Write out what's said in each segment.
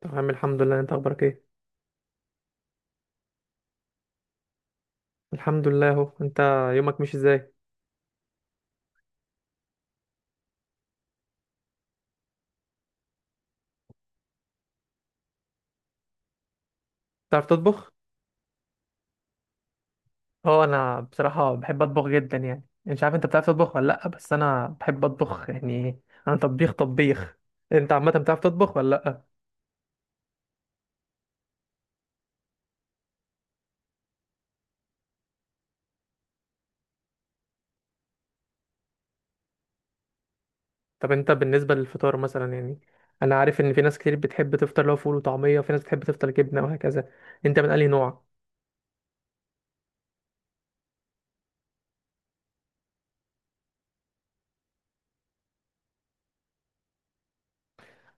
تمام الحمد لله، انت اخبارك ايه؟ الحمد لله اهو. انت يومك مش ازاي؟ بتعرف تطبخ؟ اه، انا بصراحه بحب اطبخ جدا. يعني مش عارف انت بتعرف تطبخ ولا لا، بس انا بحب اطبخ يعني. انا طبيخ طبيخ. انت عامه بتعرف تطبخ ولا لا؟ طب انت بالنسبه للفطار مثلا يعني، انا عارف ان في ناس كتير بتحب تفطر لو فول وطعميه، وفي ناس بتحب تفطر جبنه وهكذا. انت من انهي نوع؟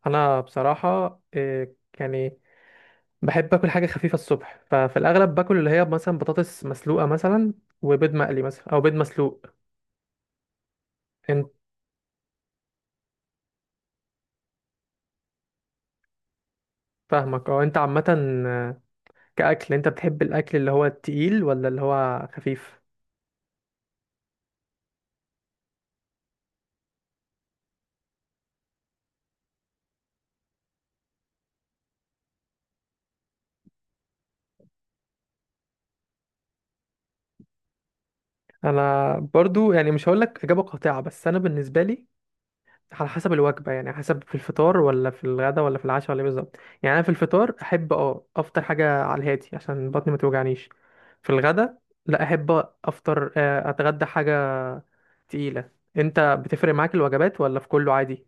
انا بصراحه يعني بحب اكل حاجه خفيفه الصبح، ففي الاغلب باكل اللي هي مثلا بطاطس مسلوقه مثلا، وبيض مقلي مثلا او بيض مسلوق. انت فاهمك اه، انت عامه، آه، كاكل انت بتحب الاكل اللي هو التقيل ولا اللي هو خفيف؟ انا برضو يعني مش هقول لك اجابه قاطعه، بس انا بالنسبه لي على حسب الوجبه، يعني على حسب في الفطار ولا في الغدا ولا في العشاء ولا إيه بالظبط. يعني انا في الفطار احب اه افطر حاجه على الهادي عشان بطني ما توجعنيش. في الغدا لا، احب افطر اتغدى حاجه تقيلة. انت بتفرق معاك الوجبات ولا في كله عادي؟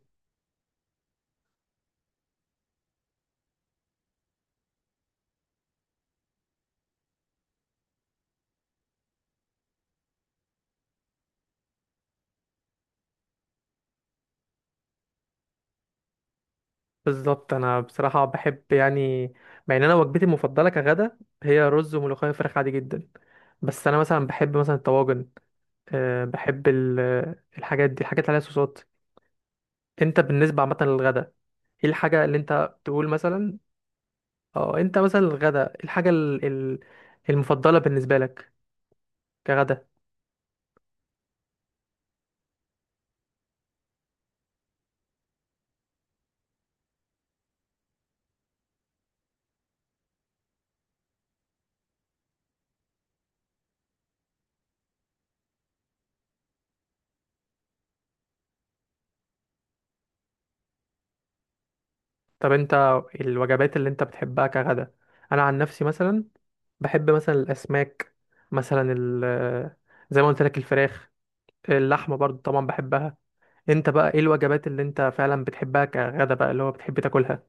بالظبط، انا بصراحة بحب يعني، مع ان انا وجبتي المفضلة كغدا هي رز وملوخية وفراخ عادي جدا، بس انا مثلا بحب مثلا الطواجن. أه بحب الحاجات دي، الحاجات اللي عليها صوصات. انت بالنسبة عامة للغدا، ايه الحاجة اللي انت تقول مثلا؟ اه، انت مثلا الغدا إيه الحاجة المفضلة بالنسبة لك كغدا؟ طب انت الوجبات اللي انت بتحبها كغدا، انا عن نفسي مثلا بحب مثلا الاسماك، مثلا ال زي ما قلت لك الفراخ، اللحمه برضو طبعا بحبها. انت بقى ايه الوجبات اللي انت فعلا بتحبها كغدا بقى، اللي هو بتحب تاكلها؟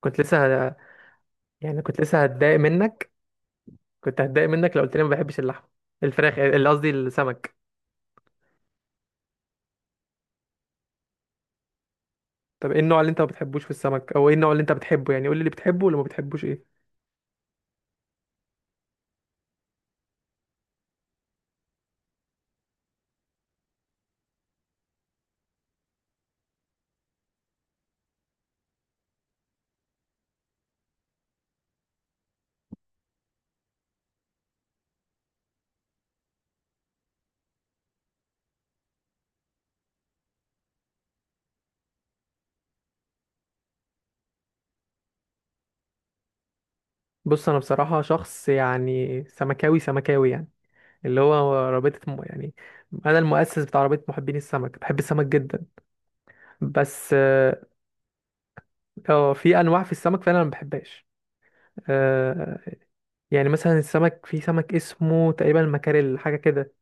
كنت لسه ه- يعني كنت لسه هتضايق منك. كنت هتضايق منك لو قلت لي ما بحبش اللحمه، الفراخ، اللي قصدي السمك. طب ايه النوع اللي انت ما بتحبوش في السمك، او ايه النوع اللي انت بتحبه؟ يعني قول لي اللي بتحبه واللي ما بتحبوش ايه. بص انا بصراحه شخص يعني سمكاوي يعني، اللي هو رابطة م... يعني أنا المؤسس بتاع رابطة محبين السمك، بحب السمك جدا. بس آه، في أنواع في السمك فعلا أنا ما بحبهاش. آه يعني مثلا السمك، في سمك اسمه تقريبا المكاريل حاجة كده،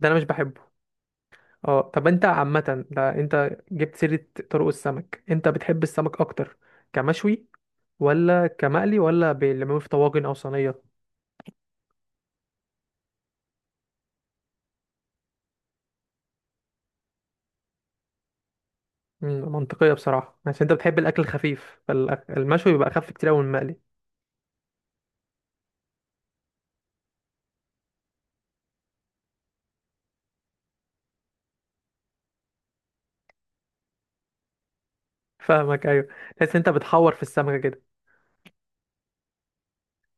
ده أنا مش بحبه. اه طب أنت عامة، ده أنت جبت سيرة طرق السمك، أنت بتحب السمك أكتر كمشوي ولا كمقلي، ولا بيعملوه في طواجن أو صينية؟ مم، منطقية بصراحة، عشان أنت بتحب الأكل الخفيف فالمشوي بيبقى أخف كتير أوي من المقلي. فاهمك ايوه. تحس انت بتحور في السمكه كده؟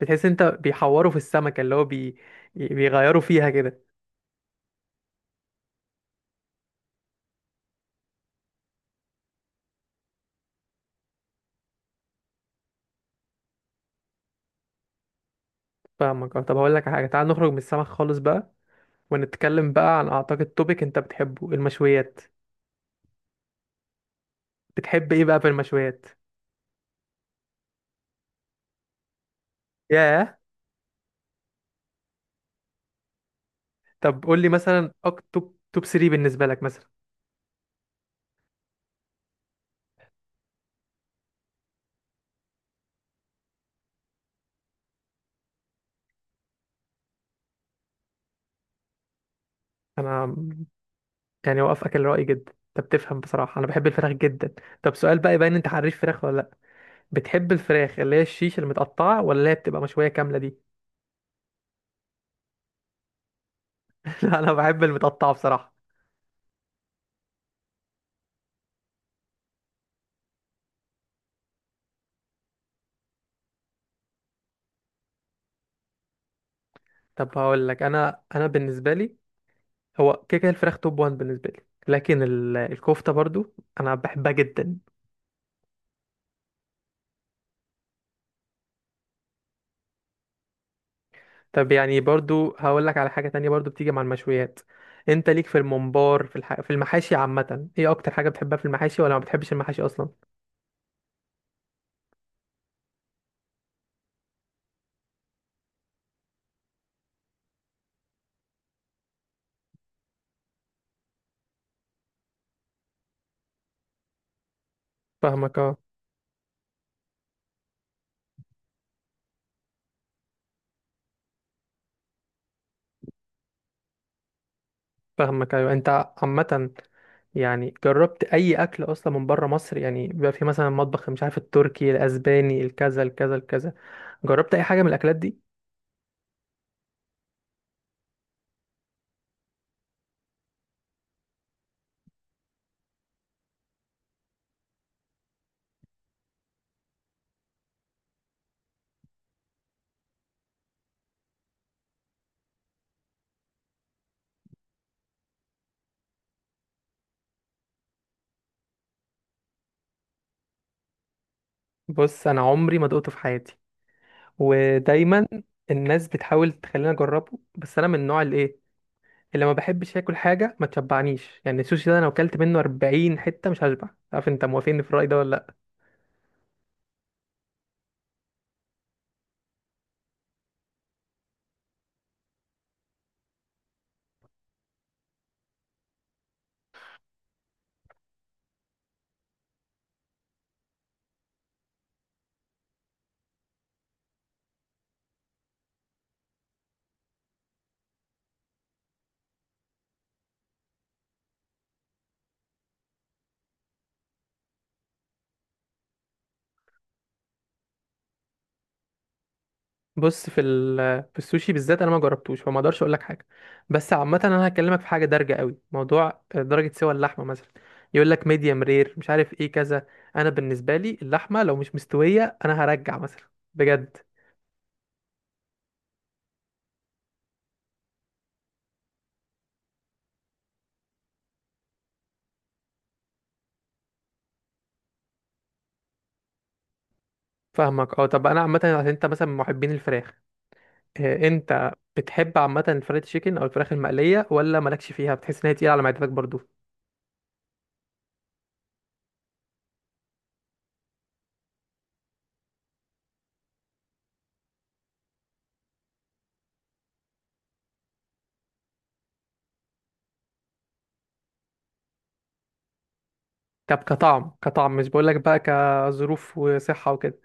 بتحس انت بيحوروا في السمكه، اللي هو بي... بيغيروا فيها كده. فاهمك اه. طب هقول لك حاجه، تعال نخرج من السمك خالص بقى، ونتكلم بقى عن اعتقد توبيك انت بتحبه، المشويات. بتحب ايه بقى في المشويات؟ ياه. طب قول لي مثلا توب 3 بالنسبه لك مثلا. انا يعني وافقك الراي جدا. انت بتفهم، بصراحه انا بحب الفراخ جدا. طب سؤال بقى يبين انت حريف فراخ ولا لا، بتحب الفراخ اللي هي الشيش المتقطعه، ولا اللي هي بتبقى مشويه كامله دي؟ لا انا بحب المتقطعه بصراحه. طب هقول لك، انا بالنسبه لي، هو كده كده الفراخ توب 1 بالنسبه لي، لكن الكفته برضو انا بحبها جدا. طب يعني برضو هقول لك على حاجه تانية برضو بتيجي مع المشويات. انت ليك في الممبار، في الح... في المحاشي عامه، ايه اكتر حاجه بتحبها في المحاشي، ولا ما بتحبش المحاشي اصلا؟ فاهمك اه. فاهمك ايوه. انت عامه يعني جربت اي اكل اصلا من بره مصر؟ يعني بيبقى في مثلا مطبخ مش عارف، التركي، الاسباني، الكذا الكذا الكذا. جربت اي حاجه من الاكلات دي؟ بص انا عمري ما دقته في حياتي. ودايما الناس بتحاول تخليني اجربه، بس انا من النوع اللي ايه، اللي ما بحبش اكل حاجه ما تشبعنيش. يعني السوشي ده انا اكلت منه 40 حته مش هشبع. عارف انت موافقني في الراي ده ولا لا؟ بص في في السوشي بالذات انا ما جربتوش، فما اقدرش اقول لك حاجه. بس عامه انا هكلمك في حاجه دارجه قوي، موضوع درجه سوى اللحمه مثلا. يقول لك ميديم رير مش عارف ايه كذا. انا بالنسبه لي اللحمه لو مش مستويه انا هرجع مثلا بجد. فاهمك اه. طب انا عامه، عشان انت مثلا من محبين الفراخ، انت بتحب عامه الفرايد تشيكن او الفراخ المقليه، ولا مالكش فيها، بتحس ان هي تقيله على معدتك برضو؟ طب كطعم، كطعم مش بقولك بقى كظروف وصحه وكده،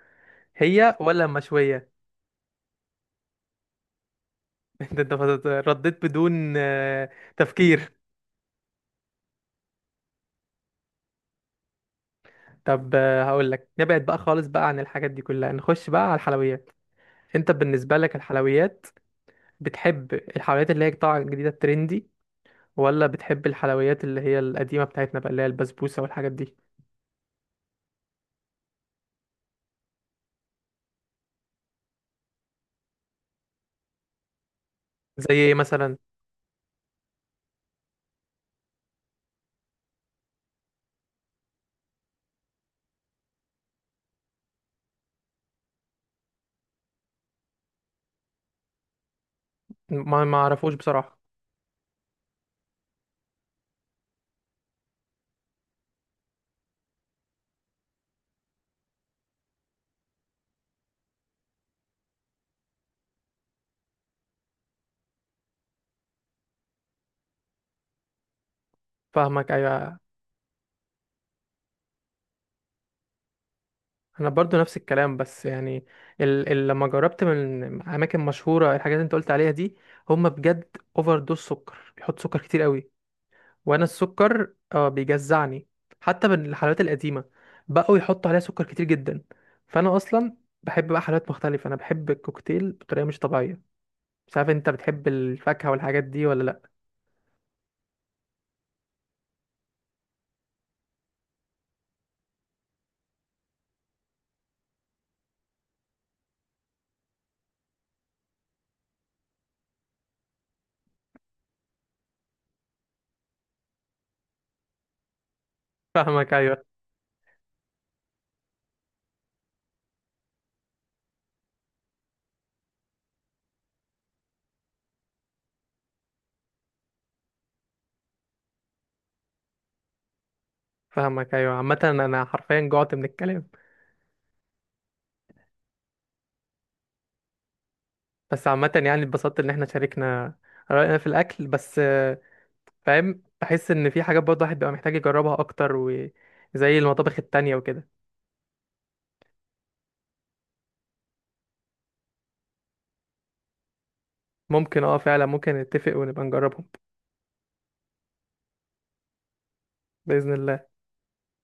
هي ولا مشويه؟ انت رديت بدون تفكير. طب هقول لك، نبعد بقى خالص بقى عن الحاجات دي كلها، نخش بقى على الحلويات. انت بالنسبه لك الحلويات، بتحب الحلويات اللي هي طالعه جديده، الترندي، ولا بتحب الحلويات اللي هي القديمه بتاعتنا بقى، اللي هي البسبوسه والحاجات دي؟ زي ايه مثلا؟ ما ما اعرفوش بصراحه. فاهمك ايوه. انا برضو نفس الكلام، بس يعني ال ال لما جربت من اماكن مشهوره الحاجات اللي انت قلت عليها دي، هم بجد اوفر دوز سكر، بيحط سكر كتير قوي، وانا السكر اه بيجزعني. حتى من الحلويات القديمه بقوا يحطوا عليها سكر كتير جدا. فانا اصلا بحب بقى حلويات مختلفه، انا بحب الكوكتيل بطريقه مش طبيعيه. مش عارف انت بتحب الفاكهه والحاجات دي ولا لا؟ فاهمك ايوه. فاهمك ايوه. عامه انا حرفيا جوعت من الكلام. بس عامة يعني اتبسطت ان احنا شاركنا رأينا في الأكل، بس آه، فاهم، بحس ان في حاجات برضه الواحد بيبقى محتاج يجربها أكتر، وزي المطابخ التانية وكده. ممكن اه، فعلا ممكن نتفق ونبقى نجربهم. بإذن الله.